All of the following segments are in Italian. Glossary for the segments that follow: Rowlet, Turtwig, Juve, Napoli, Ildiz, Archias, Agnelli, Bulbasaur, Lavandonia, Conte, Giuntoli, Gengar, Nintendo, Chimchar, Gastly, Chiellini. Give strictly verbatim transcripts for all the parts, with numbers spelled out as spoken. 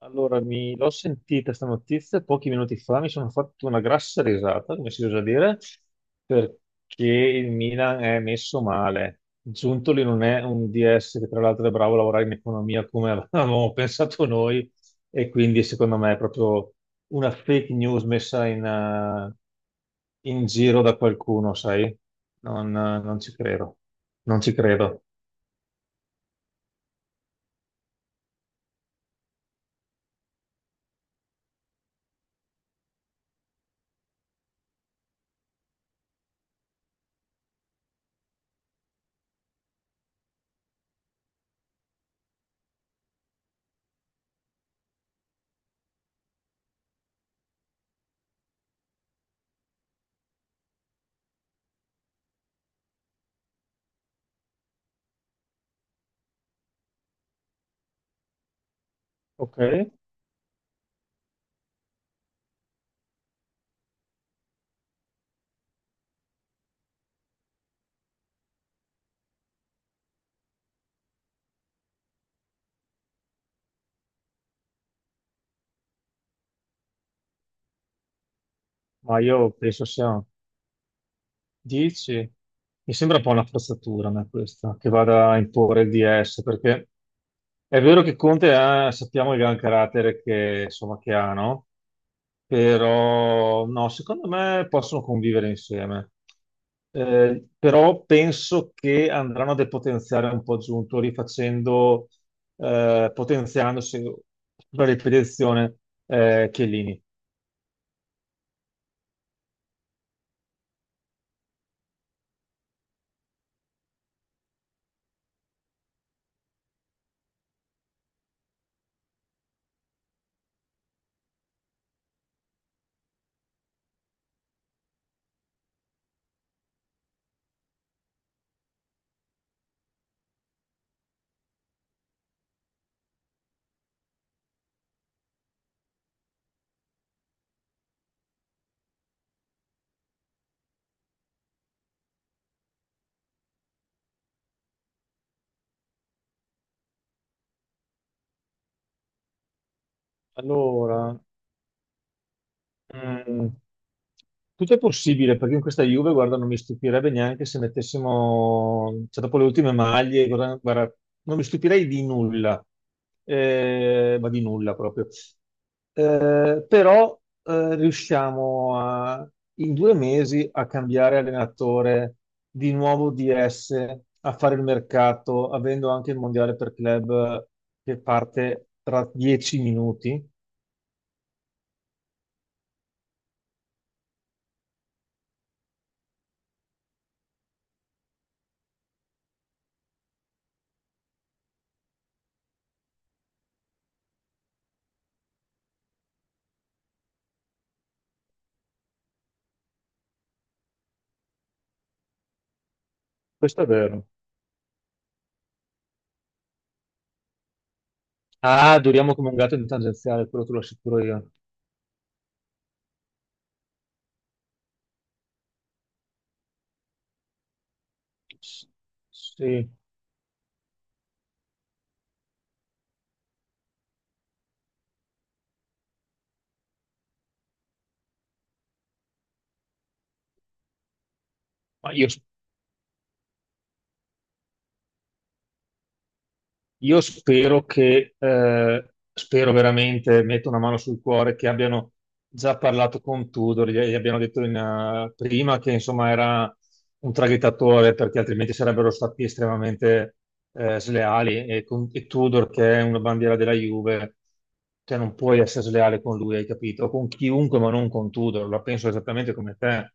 Allora, mi l'ho sentita sta notizia pochi minuti fa, mi sono fatto una grassa risata, come si usa dire, perché il Milan è messo male. Giuntoli non è un D S che tra l'altro è bravo a lavorare in economia come avevamo pensato noi e quindi secondo me è proprio una fake news messa in, eh, in giro da qualcuno, sai? Non, non ci credo, non ci credo. Ok, ma io penso sia dieci? Mi sembra un po' una forzatura a me questa, che vada a imporre il D S, perché è vero che Conte ha, sappiamo il gran carattere che, insomma, che ha, no? Però no, secondo me possono convivere insieme. Eh, però penso che andranno a depotenziare un po' Giunto, rifacendo, eh, potenziandosi per ripetizione eh, Chiellini. Allora, Mm, tutto è possibile perché in questa Juve, guarda, non mi stupirebbe neanche se mettessimo, cioè dopo le ultime maglie, guarda, guarda, non mi stupirei di nulla. Eh, ma di nulla proprio. Eh, però eh, riusciamo a- in due mesi a cambiare allenatore, di nuovo D S, a fare il mercato, avendo anche il mondiale per club che parte tra dieci minuti. Questo è vero. Ah, duriamo come un gatto in tangenziale, quello te lo assicuro io. S- Sì, ma io, io spero che, eh, spero veramente, metto una mano sul cuore, che abbiano già parlato con Tudor, gli, gli abbiano detto in, eh, prima che insomma era un traghettatore, perché altrimenti sarebbero stati estremamente eh, sleali. E, con, e Tudor, che è una bandiera della Juve, cioè non puoi essere sleale con lui, hai capito? Con chiunque, ma non con Tudor, la penso esattamente come te.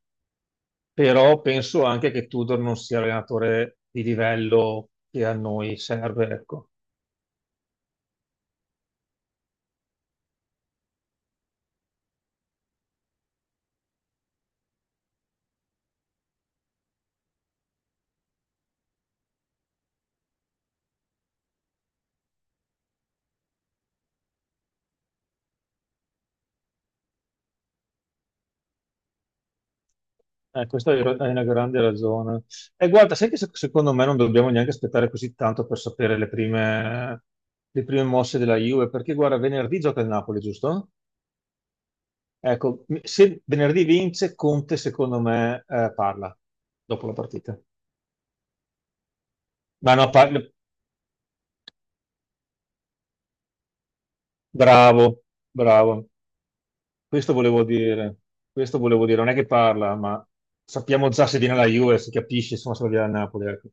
Però penso anche che Tudor non sia l'allenatore di livello che a noi serve, ecco. Eh, questa è è una grande ragione. E guarda, sai che se- secondo me non dobbiamo neanche aspettare così tanto per sapere le prime, le prime mosse della Juve, perché guarda, venerdì gioca il Napoli, giusto? Ecco, mi- se venerdì vince, Conte secondo me eh, parla dopo la partita. Ma no, parla- bravo, bravo. Questo volevo dire, questo volevo dire, non è che parla, ma sappiamo già se viene alla Juve, si capisce, insomma, se viene a Napoli. ecco.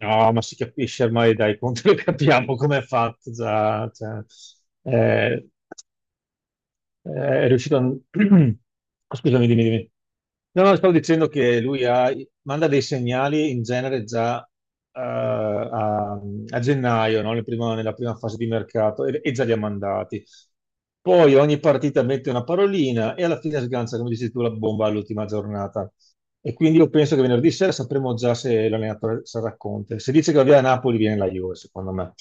No, ma si capisce ormai, dai, conto lo capiamo come è fatto già. cioè, eh, eh, è riuscito a... Scusami, dimmi, dimmi. No, no, stavo dicendo che lui ha- manda dei segnali in genere già eh, a, a gennaio, no? Nel primo- nella prima fase di mercato, e, e già li ha mandati. Poi ogni partita mette una parolina e alla fine sgancia, come dici tu, la bomba all'ultima giornata. E quindi io penso che venerdì sera sapremo già se l'allenatore sarà Conte. Se dice che va via Napoli, viene la Juve, secondo me.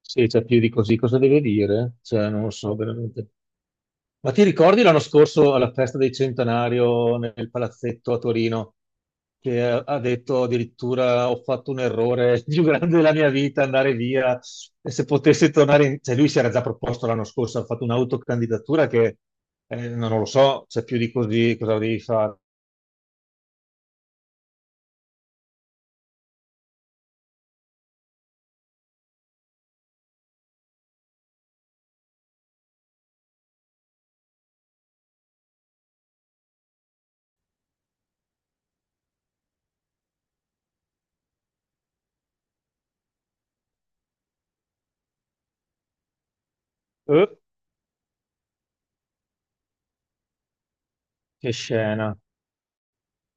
Se c'è più di così, cosa deve dire? Cioè, non lo so veramente. Ma ti ricordi l'anno scorso alla festa del centenario nel palazzetto a Torino che ha ha detto addirittura ho fatto un errore più grande della mia vita andare via e se potessi tornare in... cioè lui si era già proposto l'anno scorso, ha fatto un'autocandidatura che eh, non lo so, c'è più di così, cosa devi fare? Eh, che scena,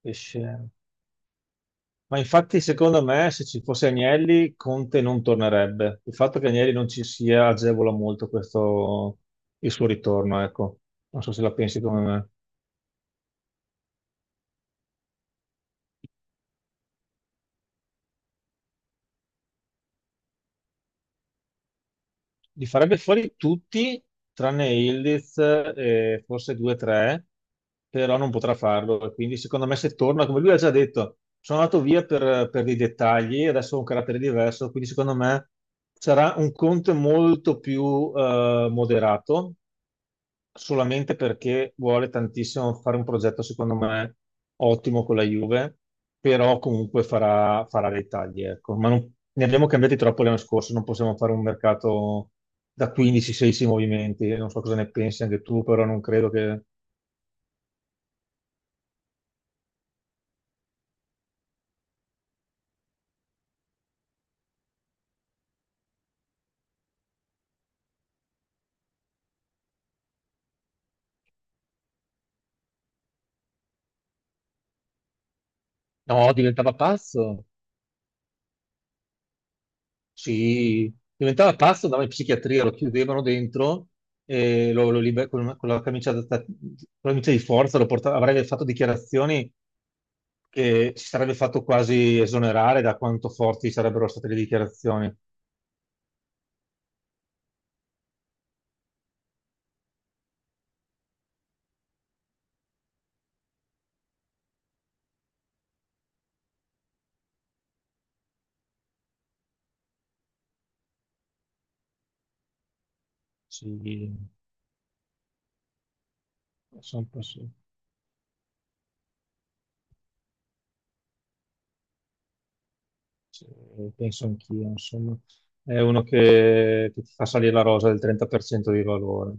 che scena. Ma infatti, secondo me, se ci fosse Agnelli, Conte non tornerebbe. Il fatto che Agnelli non ci sia agevola molto questo, il suo ritorno, ecco. Non so se la pensi come me. Li farebbe fuori tutti, tranne Ildiz e forse due o tre, però non potrà farlo. E Quindi, secondo me, se torna, come lui ha già detto, sono andato via per, per dei dettagli, adesso ho un carattere diverso, quindi secondo me sarà un Conte molto più eh, moderato solamente perché vuole tantissimo fare un progetto, secondo me, ottimo con la Juve, però comunque farà, farà dei tagli, ecco. Ma non- ne abbiamo cambiati troppo l'anno scorso, non possiamo fare un mercato da quindici sedici movimenti, non so cosa ne pensi anche tu, però non credo che... No, diventava pazzo. Sì, diventava pazzo, andava in psichiatria, lo chiudevano dentro e lo, lo liber- con, con la camicia, da- con la camicia di forza lo porta- avrebbe fatto dichiarazioni che si sarebbe fatto quasi esonerare da quanto forti sarebbero state le dichiarazioni. Sì, sono- penso, sì, penso anch'io, insomma. È uno che, che ti fa salire la rosa del trenta per cento di valore.